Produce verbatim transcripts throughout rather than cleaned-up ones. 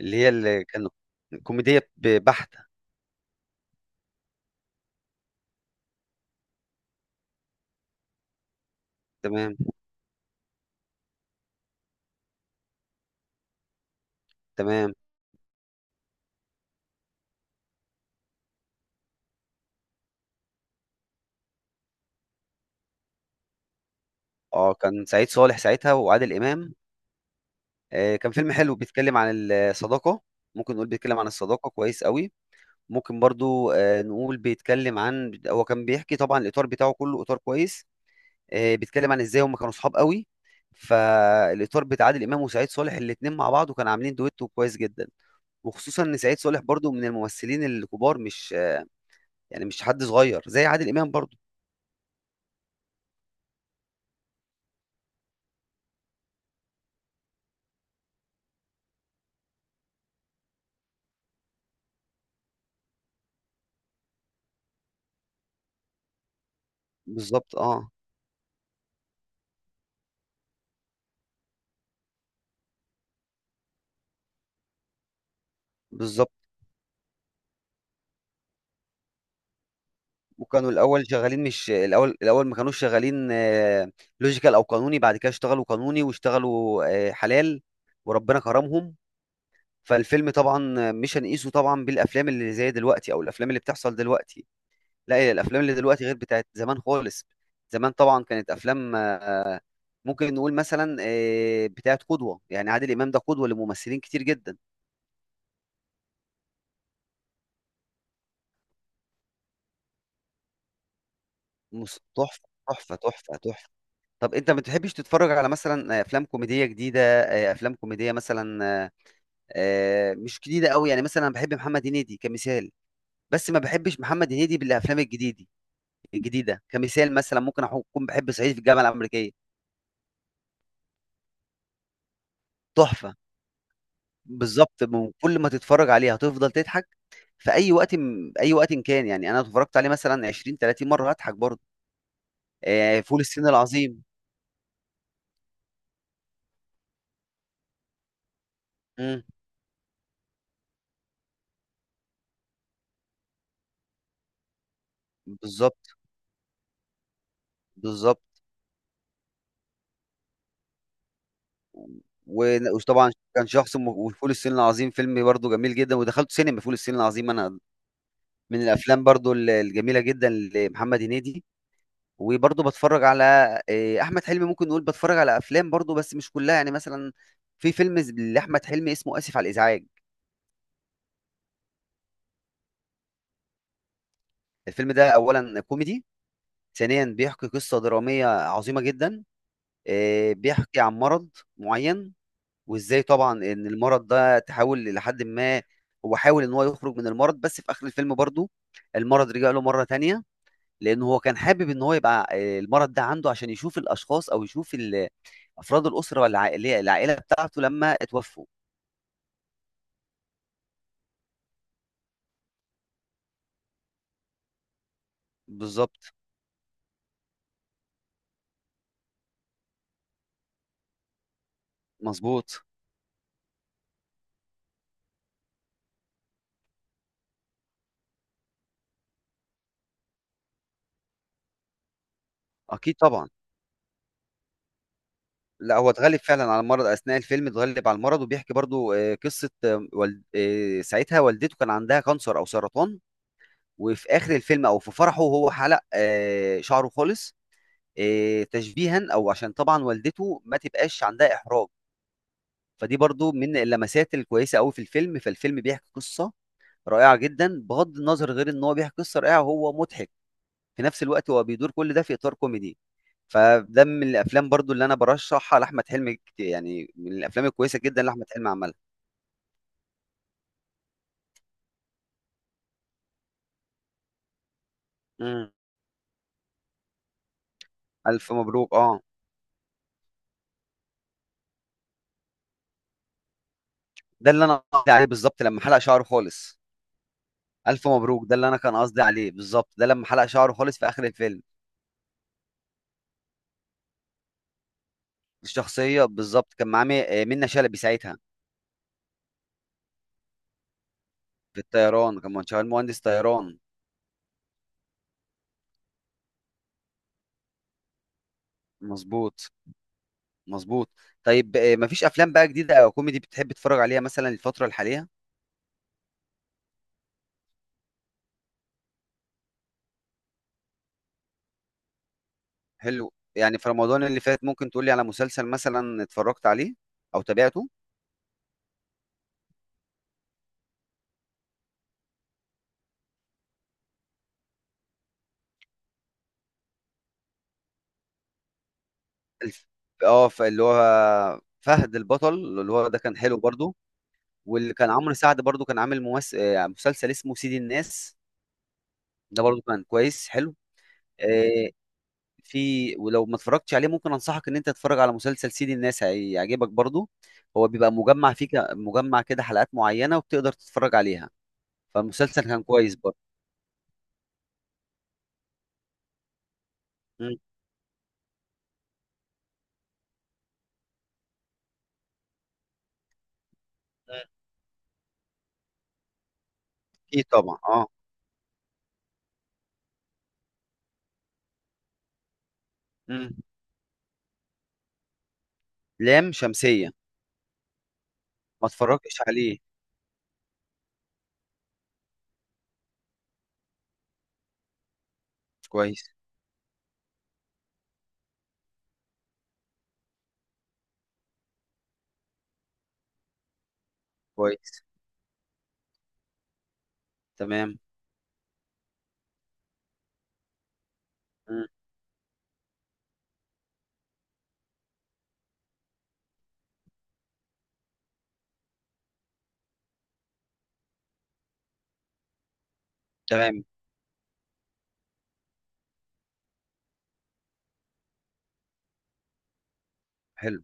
اللي هي اللي كان كوميدية ب- بحتة. تمام، تمام. اه، كان سعيد صالح ساعتها وعادل إمام. آه، كان فيلم حلو بيتكلم عن الصداقة. ممكن نقول بيتكلم عن الصداقة كويس قوي. ممكن برضو آه نقول بيتكلم عن هو كان بيحكي طبعا الإطار بتاعه كله إطار كويس. آه بيتكلم عن إزاي هم كانوا صحاب قوي. فالإطار بتاع عادل إمام وسعيد صالح الاتنين مع بعض، وكانوا عاملين دويتو كويس جدا. وخصوصا ان سعيد صالح برضو من الممثلين الكبار، مش يعني مش حد صغير زي عادل امام برضو. بالظبط، اه، بالظبط. وكانوا الاول شغالين، مش الاول، الاول ما كانوش شغالين لوجيكال او قانوني، بعد كده اشتغلوا قانوني واشتغلوا آه، حلال، وربنا كرمهم. فالفيلم طبعا آه، مش هنقيسه طبعا بالافلام اللي زي دلوقتي او الافلام اللي بتحصل دلوقتي. لا، هي الافلام اللي دلوقتي غير بتاعت زمان خالص. زمان طبعا كانت افلام، آه، ممكن نقول مثلا آه، بتاعت قدوه. يعني عادل امام ده قدوه لممثلين كتير جدا. مس- تحفه، تحفه، تحفه، تحفه. طب انت ما بتحبش تتفرج على مثلا آه، افلام كوميديه جديده، آه، افلام كوميديه مثلا، آه، آه، مش جديده قوي؟ يعني مثلا انا بحب محمد هنيدي كمثال، بس ما بحبش محمد هنيدي بالافلام الجديده. الجديده كمثال مثلا ممكن أحو- اكون بحب صعيدي في الجامعه الامريكيه. تحفه. بالظبط، من كل ما تتفرج عليه هتفضل تضحك في اي وقت، م- اي وقت إن كان. يعني انا اتفرجت عليه مثلا عشرين ثلاثين مره هضحك برضه. آه، فول الصين العظيم. مم. بالظبط، بالظبط. ون- وطبعا كان شخص، م- وفول الصين العظيم فيلم برضه جميل جدا، ودخلت سينما فول الصين العظيم انا. من الافلام برضه ال- الجميله جدا لمحمد هنيدي. وبرضه بتفرج على آه، احمد حلمي. ممكن نقول بتفرج على افلام برضه، بس مش كلها. يعني مثلا في فيلم ز- لاحمد حلمي اسمه اسف على الازعاج. الفيلم ده اولا كوميدي، ثانيا بيحكي قصه دراميه عظيمه جدا. آه، بيحكي عن مرض معين، وازاي طبعا ان المرض ده تحاول لحد ما هو حاول ان هو يخرج من المرض. بس في اخر الفيلم برضه المرض رجع له مره تانية. لأنه هو كان حابب إن هو يبقى آه، المرض ده عنده عشان يشوف الأشخاص أو يشوف ال- أفراد الأسرة والعائلة العائلة بتاعته لما اتوفوا. بالظبط. مظبوط. أكيد طبعا. لا، هو اتغلب فعلا على المرض أثناء الفيلم، اتغلب على المرض، وبيحكي برضو آه، قصة آه، والد... آه، ساعتها والدته كان عندها كانسر أو سرطان. وفي آخر الفيلم أو في فرحه هو حلق آه، شعره خالص، آه، تشبيها، أو عشان طبعا والدته ما تبقاش عندها إحراج. فدي برضو من اللمسات الكويسة قوي في الفيلم. فالفيلم بيحكي قصة رائعه جدا، بغض النظر غير ان هو بيحكي قصه رائعه وهو مضحك في نفس الوقت. هو بيدور كل ده في اطار كوميدي. فده من الافلام برضو اللي انا برشحها لاحمد حلمي كتير. يعني من الافلام الكويسه جدا اللي احمد حلمي عملها. امم. الف مبروك، اه. ده اللي انا قصدي عليه بالظبط، لما حلق شعره خالص. الف مبروك ده اللي انا كان قصدي عليه بالظبط، ده لما حلق شعره خالص في اخر الفيلم. الشخصيه بالظبط، كان معاه مي- آه، منة شلبي ساعتها. في الطيران كان شغال مهندس طيران. مظبوط، مظبوط. طيب، آه، مفيش افلام بقى جديده او كوميدي بتحب تتفرج عليها مثلا الفتره الحاليه؟ حلو. يعني في رمضان اللي فات ممكن تقولي على مسلسل مثلا اتفرجت عليه او تابعته. الف... اه، ف- اللي هو فهد البطل، اللي هو ده كان حلو برضو. واللي كان عمرو سعد برضو كان عامل ممس... آه، مسلسل اسمه سيد الناس. ده برضو كان كويس حلو. آه، في، ولو ما اتفرجتش عليه ممكن انصحك ان انت تتفرج على مسلسل سيد الناس، هيعجبك برضو. هو بيبقى مجمع فيه، ك- مجمع كده حلقات معينة، وبتقدر تتفرج عليها. فالمسلسل كان كويس برضه. مم. مم. اكيد طبعا، اه. مم. لام شمسية. ما اتفرجتش عليه. كويس. كويس. تمام. مم. تمام. حلو.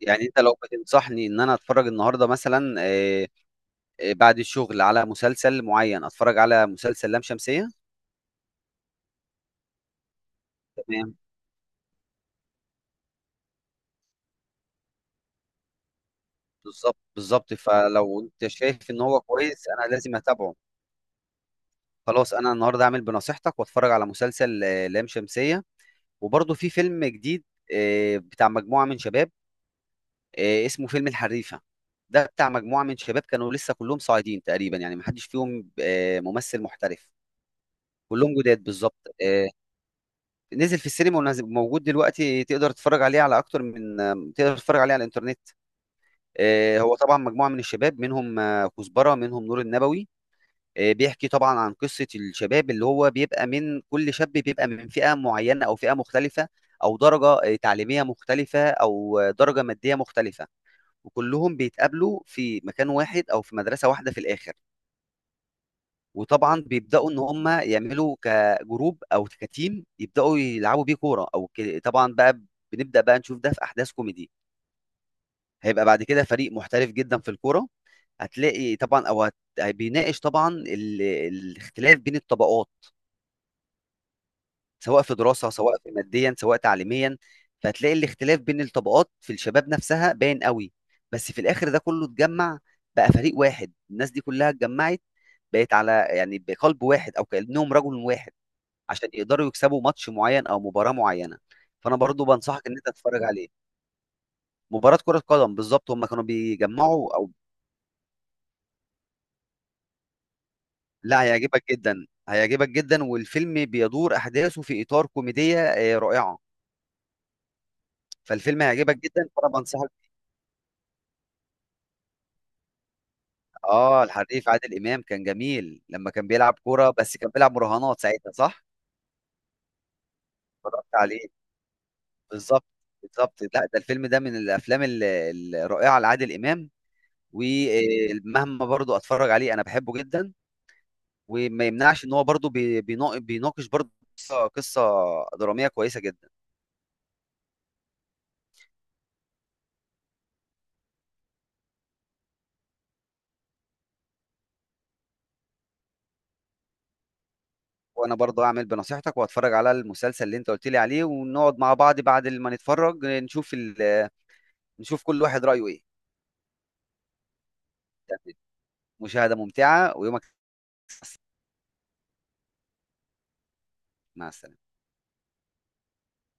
يعني انت لو بتنصحني ان انا اتفرج النهارده مثلا آه، آه، بعد الشغل على مسلسل معين، اتفرج على مسلسل لام شمسية. تمام. بالظبط، بالظبط. فلو انت شايف ان هو كويس انا لازم اتابعه. خلاص، انا النهارده هعمل بنصيحتك واتفرج على مسلسل آه، لام شمسية. وبرضه في فيلم جديد آه، بتاع مجموعة من شباب آه، اسمه فيلم الحريفه. ده بتاع مجموعه من شباب كانوا لسه كلهم صاعدين تقريبا، يعني ما حدش فيهم آه، ممثل محترف. كلهم جداد بالظبط. آه، نزل في السينما، ونز- موجود دلوقتي، تقدر تتفرج عليه على اكتر من آه، تقدر تتفرج عليه على الانترنت. آه، هو طبعا مجموعه من الشباب، منهم آه، كزبره، منهم نور النبوي. آه، بيحكي طبعا عن قصه الشباب، اللي هو بيبقى من كل شاب بيبقى من فئه معينه او فئه مختلفه، او درجه آه، تعليميه مختلفه، او آه، درجه ماديه مختلفه. وكلهم بيتقابلوا في مكان واحد، او في مدرسه واحده في الاخر. وطبعا بيبداوا ان هم يعملوا كجروب او كتيم، يبداوا يلعبوا بيه كوره. او ك... طبعا بقى بنبدا بقى نشوف ده في احداث كوميدي. هيبقى بعد كده فريق محترف جدا في الكوره. هتلاقي طبعا، او هت... بيناقش طبعا ال... الاختلاف بين الطبقات، سواء في دراسة، سواء في ماديا، سواء تعليميا. فهتلاقي الاختلاف بين الطبقات في الشباب نفسها باين قوي. بس في الآخر ده كله اتجمع، بقى فريق واحد. الناس دي كلها اتجمعت، بقت على يعني بقلب واحد، أو كأنهم رجل واحد، عشان يقدروا يكسبوا ماتش معين أو مباراة معينة. فأنا برضو بنصحك إن أنت تتفرج عليه. مباراة كرة قدم بالظبط، هم كانوا بيجمعوا أو. لا، هيعجبك جدا، هيعجبك جدا. والفيلم بيدور أحداثه في إطار كوميدية آه، رائعة. فالفيلم هيعجبك جدا، فأنا بنصحك. اه، الحريف عادل امام كان جميل لما كان بيلعب كوره، بس كان بيلعب مراهنات ساعتها، صح؟ اتفرجت عليه. بالظبط، بالظبط. لا، ده الفيلم ده من الافلام ال- الرائعه لعادل امام. ومهما برضو اتفرج عليه انا بحبه جدا. وما يمنعش ان هو برضو بي- بينا- بيناقش برضو قصه قصة دراميه كويسه جدا. وانا برضو اعمل بنصيحتك واتفرج على المسلسل اللي انت قلت لي عليه، ونقعد مع بعض بعد ما نتفرج نشوف ال- نشوف كل واحد رايه ايه. تمام. مشاهده ممتعه ويومك. مع السلامه.